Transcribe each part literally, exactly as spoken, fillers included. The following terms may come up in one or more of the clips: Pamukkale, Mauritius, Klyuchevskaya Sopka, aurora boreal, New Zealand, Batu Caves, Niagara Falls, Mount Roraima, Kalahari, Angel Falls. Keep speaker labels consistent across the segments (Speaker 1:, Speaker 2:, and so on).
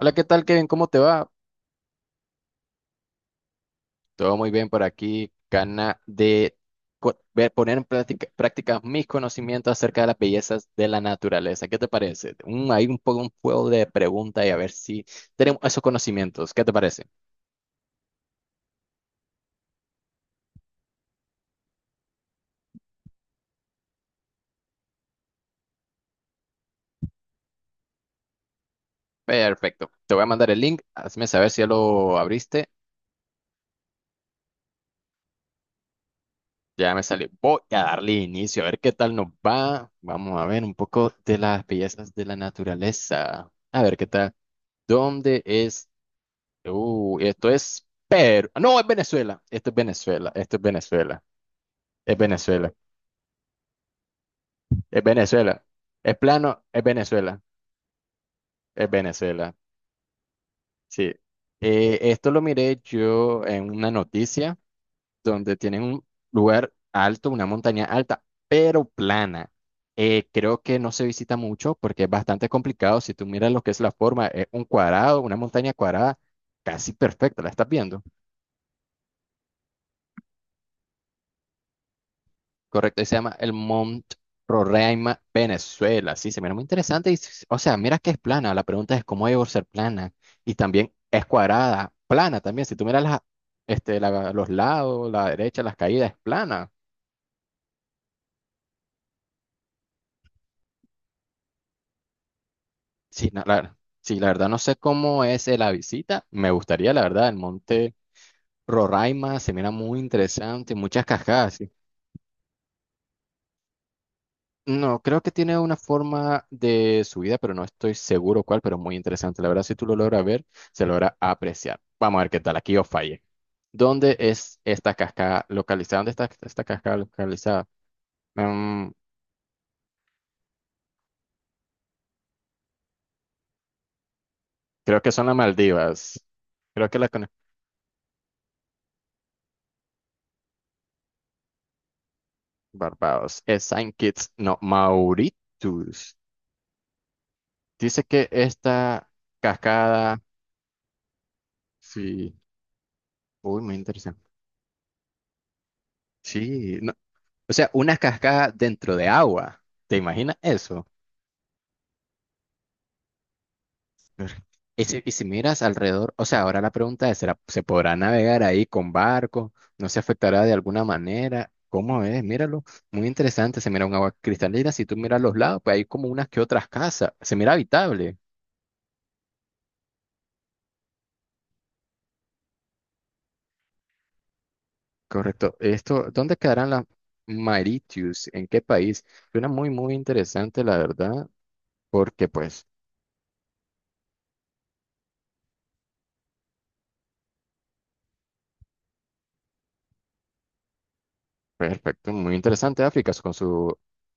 Speaker 1: Hola, ¿qué tal, Kevin? ¿Cómo te va? Todo muy bien por aquí. Gana de co- ver- poner en práctica, práctica mis conocimientos acerca de las bellezas de la naturaleza. ¿Qué te parece? Un, hay un poco un juego de preguntas y a ver si tenemos esos conocimientos. ¿Qué te parece? Perfecto. Te voy a mandar el link. Hazme saber si ya lo abriste. Ya me salió. Voy a darle inicio a ver qué tal nos va. Vamos a ver un poco de las bellezas de la naturaleza. A ver qué tal. ¿Dónde es? Uh, esto es Perú. No, es Venezuela. Esto es Venezuela. Esto es Venezuela. Es Venezuela. Es Venezuela. Es plano. Es Venezuela. Es Venezuela. Sí. Eh, esto lo miré yo en una noticia donde tienen un lugar alto, una montaña alta, pero plana. Eh, creo que no se visita mucho porque es bastante complicado. Si tú miras lo que es la forma, es un cuadrado, una montaña cuadrada casi perfecta. ¿La estás viendo? Correcto, y se llama el Mount Roraima, Venezuela. Sí, se mira muy interesante. Y s- o sea, mira que es plana. La pregunta es cómo debe ser plana. Y también es cuadrada, plana también. Si tú miras las, este, la- los lados, la derecha, las caídas, es plana. Sí, na- la, sí, la verdad no sé cómo es eh, la visita. Me gustaría, la verdad, el monte Roraima se mira muy interesante, muchas cascadas. Sí. No, creo que tiene una forma de subida, pero no estoy seguro cuál, pero muy interesante. La verdad, si tú lo logras ver, se logra apreciar. Vamos a ver qué tal, aquí os falle. ¿Dónde es esta cascada localizada? ¿Dónde está esta cascada localizada? Mm, creo que son las Maldivas. Creo que la con Barbados. Es Saint Kitts, no, Mauritius. Dice que esta cascada, sí, uy, muy interesante. Sí, no, o sea, una cascada dentro de agua. ¿Te imaginas eso? Claro. Y si, y si miras alrededor, o sea, ahora la pregunta es, ¿será- ¿se podrá navegar ahí con barco? ¿No se afectará de alguna manera? ¿Cómo es? Míralo, muy interesante, se mira un agua cristalina, si tú miras los lados, pues hay como unas que otras casas, se mira habitable, correcto. Esto, ¿dónde quedarán las Mauritius? ¿En qué país? Suena muy, muy interesante, la verdad, porque pues... Perfecto, muy interesante África con sus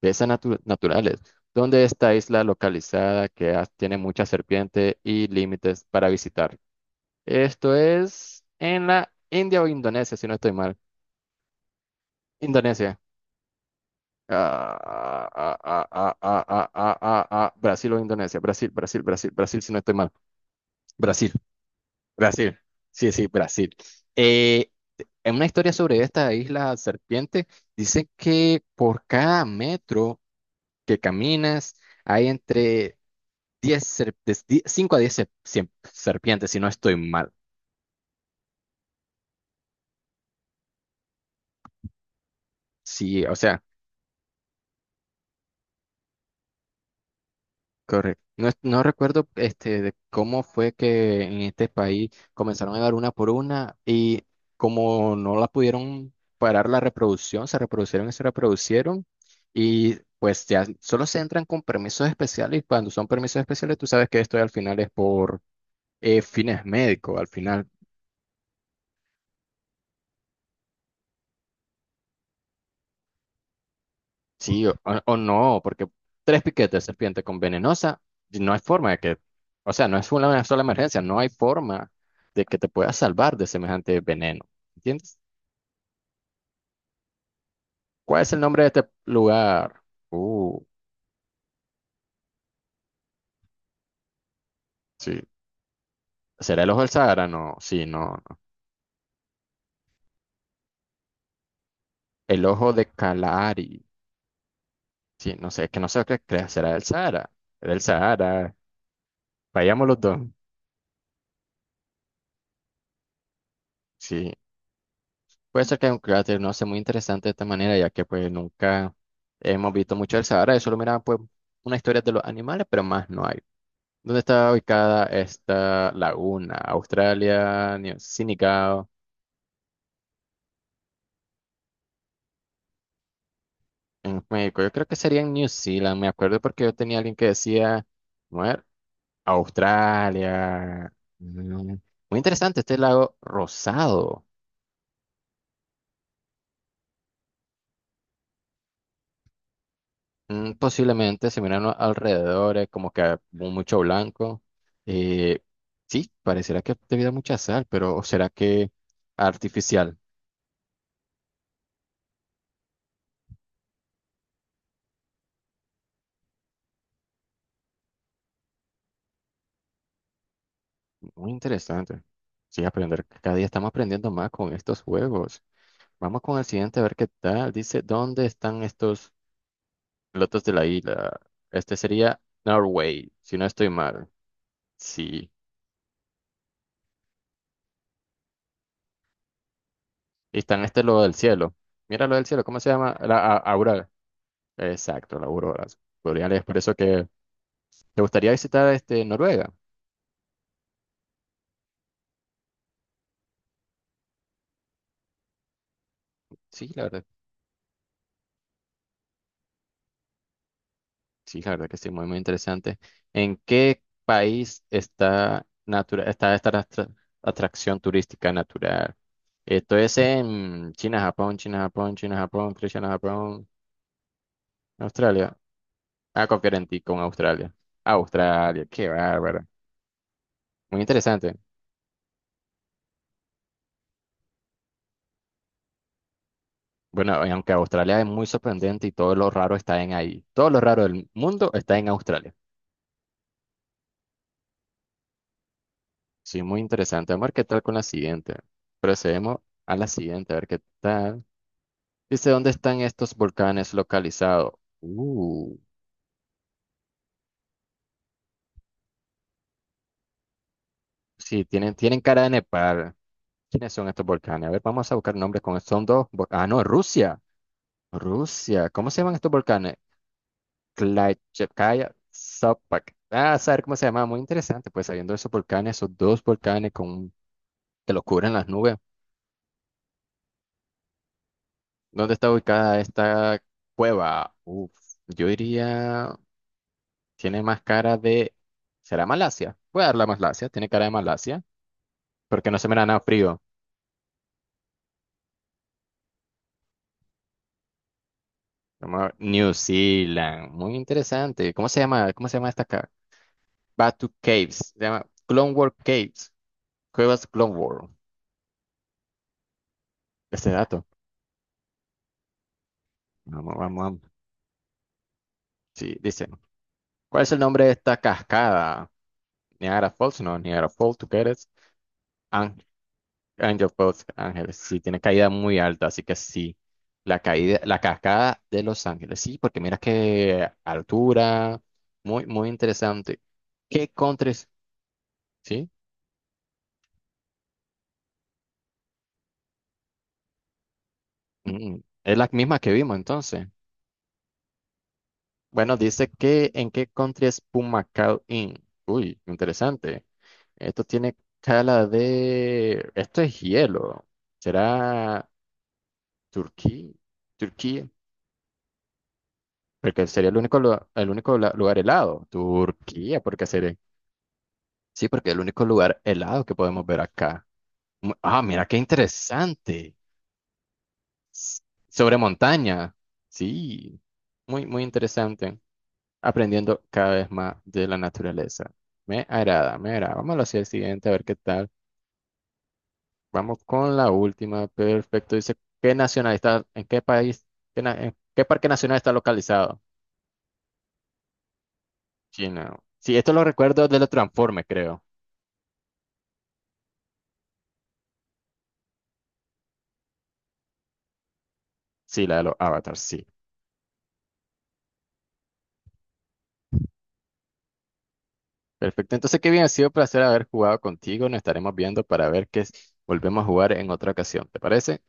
Speaker 1: bellezas natu- naturales. ¿Dónde esta isla localizada que ha- tiene muchas serpientes y límites para visitar? Esto es en la India o Indonesia, si no estoy mal. Indonesia. Ah, ah, ah, ah, ah, ah, ah, ah, ah, ah, Brasil o Indonesia. Brasil, Brasil, Brasil, Brasil, si no estoy mal. Brasil, Brasil. Sí, sí, Brasil. Eh, en una historia sobre esta isla serpiente, dice que por cada metro que caminas, hay entre diez ser- de cinco a diez se- siem- serpientes, si no estoy mal. Sí, o sea, correcto. No, es- no recuerdo este, de cómo fue que en este país comenzaron a dar una por una y como no la pudieron parar la reproducción, se reproducieron y se reproducieron y pues ya solo se entran con permisos especiales y cuando son permisos especiales tú sabes que esto al final es por eh, fines médicos, al final. Sí, o, o no, porque tres piquetes de serpiente con venenosa, no hay forma de que, o sea, no es una sola emergencia, no hay forma de que te puedas salvar de semejante veneno. ¿Entiendes? ¿Cuál es el nombre de este lugar? Uh, sí. ¿Será el ojo del Sahara? No, sí, no. No. El ojo de Kalahari. Sí, no sé, es que no sé qué crea- será el Sahara. Era el Sahara. Vayamos los dos. Sí. Puede ser que haya un cráter, no sé, muy interesante de esta manera, ya que pues nunca hemos visto mucho el Sahara, solo mira pues una historia de los animales, pero más no hay. ¿Dónde está ubicada esta laguna? Australia, New Sinicao, en México. Yo creo que sería en New Zealand, me acuerdo porque yo tenía alguien que decía, bueno, Australia. Mm, Muy interesante este lago rosado. Mm, Posiblemente se miran a- alrededores, como que mu- mucho blanco. Eh, sí, parecerá que debido a mucha sal, pero ¿será que artificial? Muy interesante. Sí, aprender. Cada día estamos aprendiendo más con estos juegos. Vamos con el siguiente a ver qué tal. Dice, ¿dónde están estos pilotos de la isla? Este sería Norway, si no estoy mal. Sí. Y están este lo del cielo. Mira lo del cielo, ¿cómo se llama? La a- aurora. Exacto, la aurora boreal. Es por eso que ¿te gustaría visitar este Noruega? Sí, la verdad, sí, la verdad que sí, muy muy interesante. ¿En qué país está natura- está esta astra- atracción turística natural? Esto es en China, Japón, China, Japón, China, Japón, creo China, Japón, Australia. Ah, conferentí con Australia. Australia, qué bárbaro. Muy interesante. Bueno, y aunque Australia es muy sorprendente y todo lo raro está en ahí. Todo lo raro del mundo está en Australia. Sí, muy interesante. Vamos a ver qué tal con la siguiente. Procedemos a la siguiente, a ver qué tal. Dice, ¿dónde están estos volcanes localizados? Uh, sí, tienen, tienen cara de Nepal. ¿Quiénes son estos volcanes? A ver, vamos a buscar nombres con... Son dos... vol- Ah, no, Rusia. Rusia. ¿Cómo se llaman estos volcanes? Klaichevskaya Sopak. Ah, saber cómo se llama. Muy interesante. Pues sabiendo esos volcanes, esos dos volcanes con... que los cubren las nubes. ¿Dónde está ubicada esta cueva? Uf, yo diría... Tiene más cara de... ¿Será Malasia? Voy a darle a Malasia. Tiene cara de Malasia. Porque no se me da nada frío. Vamos a ver, New Zealand. Muy interesante. ¿Cómo se llama? ¿Cómo se llama esta acá? Batu Caves. Se llama Clone World Caves. Cuevas Clone World. Este dato. Vamos, vamos, vamos. Sí, dice. ¿Cuál es el nombre de esta cascada? Niagara Falls. No, Niagara Falls. ¿Tú qué eres? Angel Post Ángeles, sí, tiene caída muy alta, así que sí. La caída, la cascada de Los Ángeles, sí, porque mira qué altura, muy, muy interesante. ¿Qué countries? Sí, mm, es la misma que vimos entonces. Bueno, dice que en qué country es Pumacao Inn. Uy, interesante. Esto tiene cala de. Esto es hielo. ¿Será Turquía? Turquía. Porque sería el único, lu- el único la- lugar helado. Turquía, porque sería. Sí, porque es el único lugar helado que podemos ver acá. Mu- Ah, mira qué interesante. S- Sobre montaña. Sí, muy, muy interesante. Aprendiendo cada vez más de la naturaleza. Me agrada, me agrada. Vamos hacia el siguiente a ver qué tal. Vamos con la última. Perfecto. Dice, ¿qué nacional está? ¿En qué país? qué na- ¿En qué parque nacional está localizado? China. Sí, esto lo recuerdo de los Transformers, creo. Sí, la de los avatars, sí. Perfecto. Entonces, qué bien, ha sido un placer haber jugado contigo. Nos estaremos viendo para ver que s- volvemos a jugar en otra ocasión. ¿Te parece?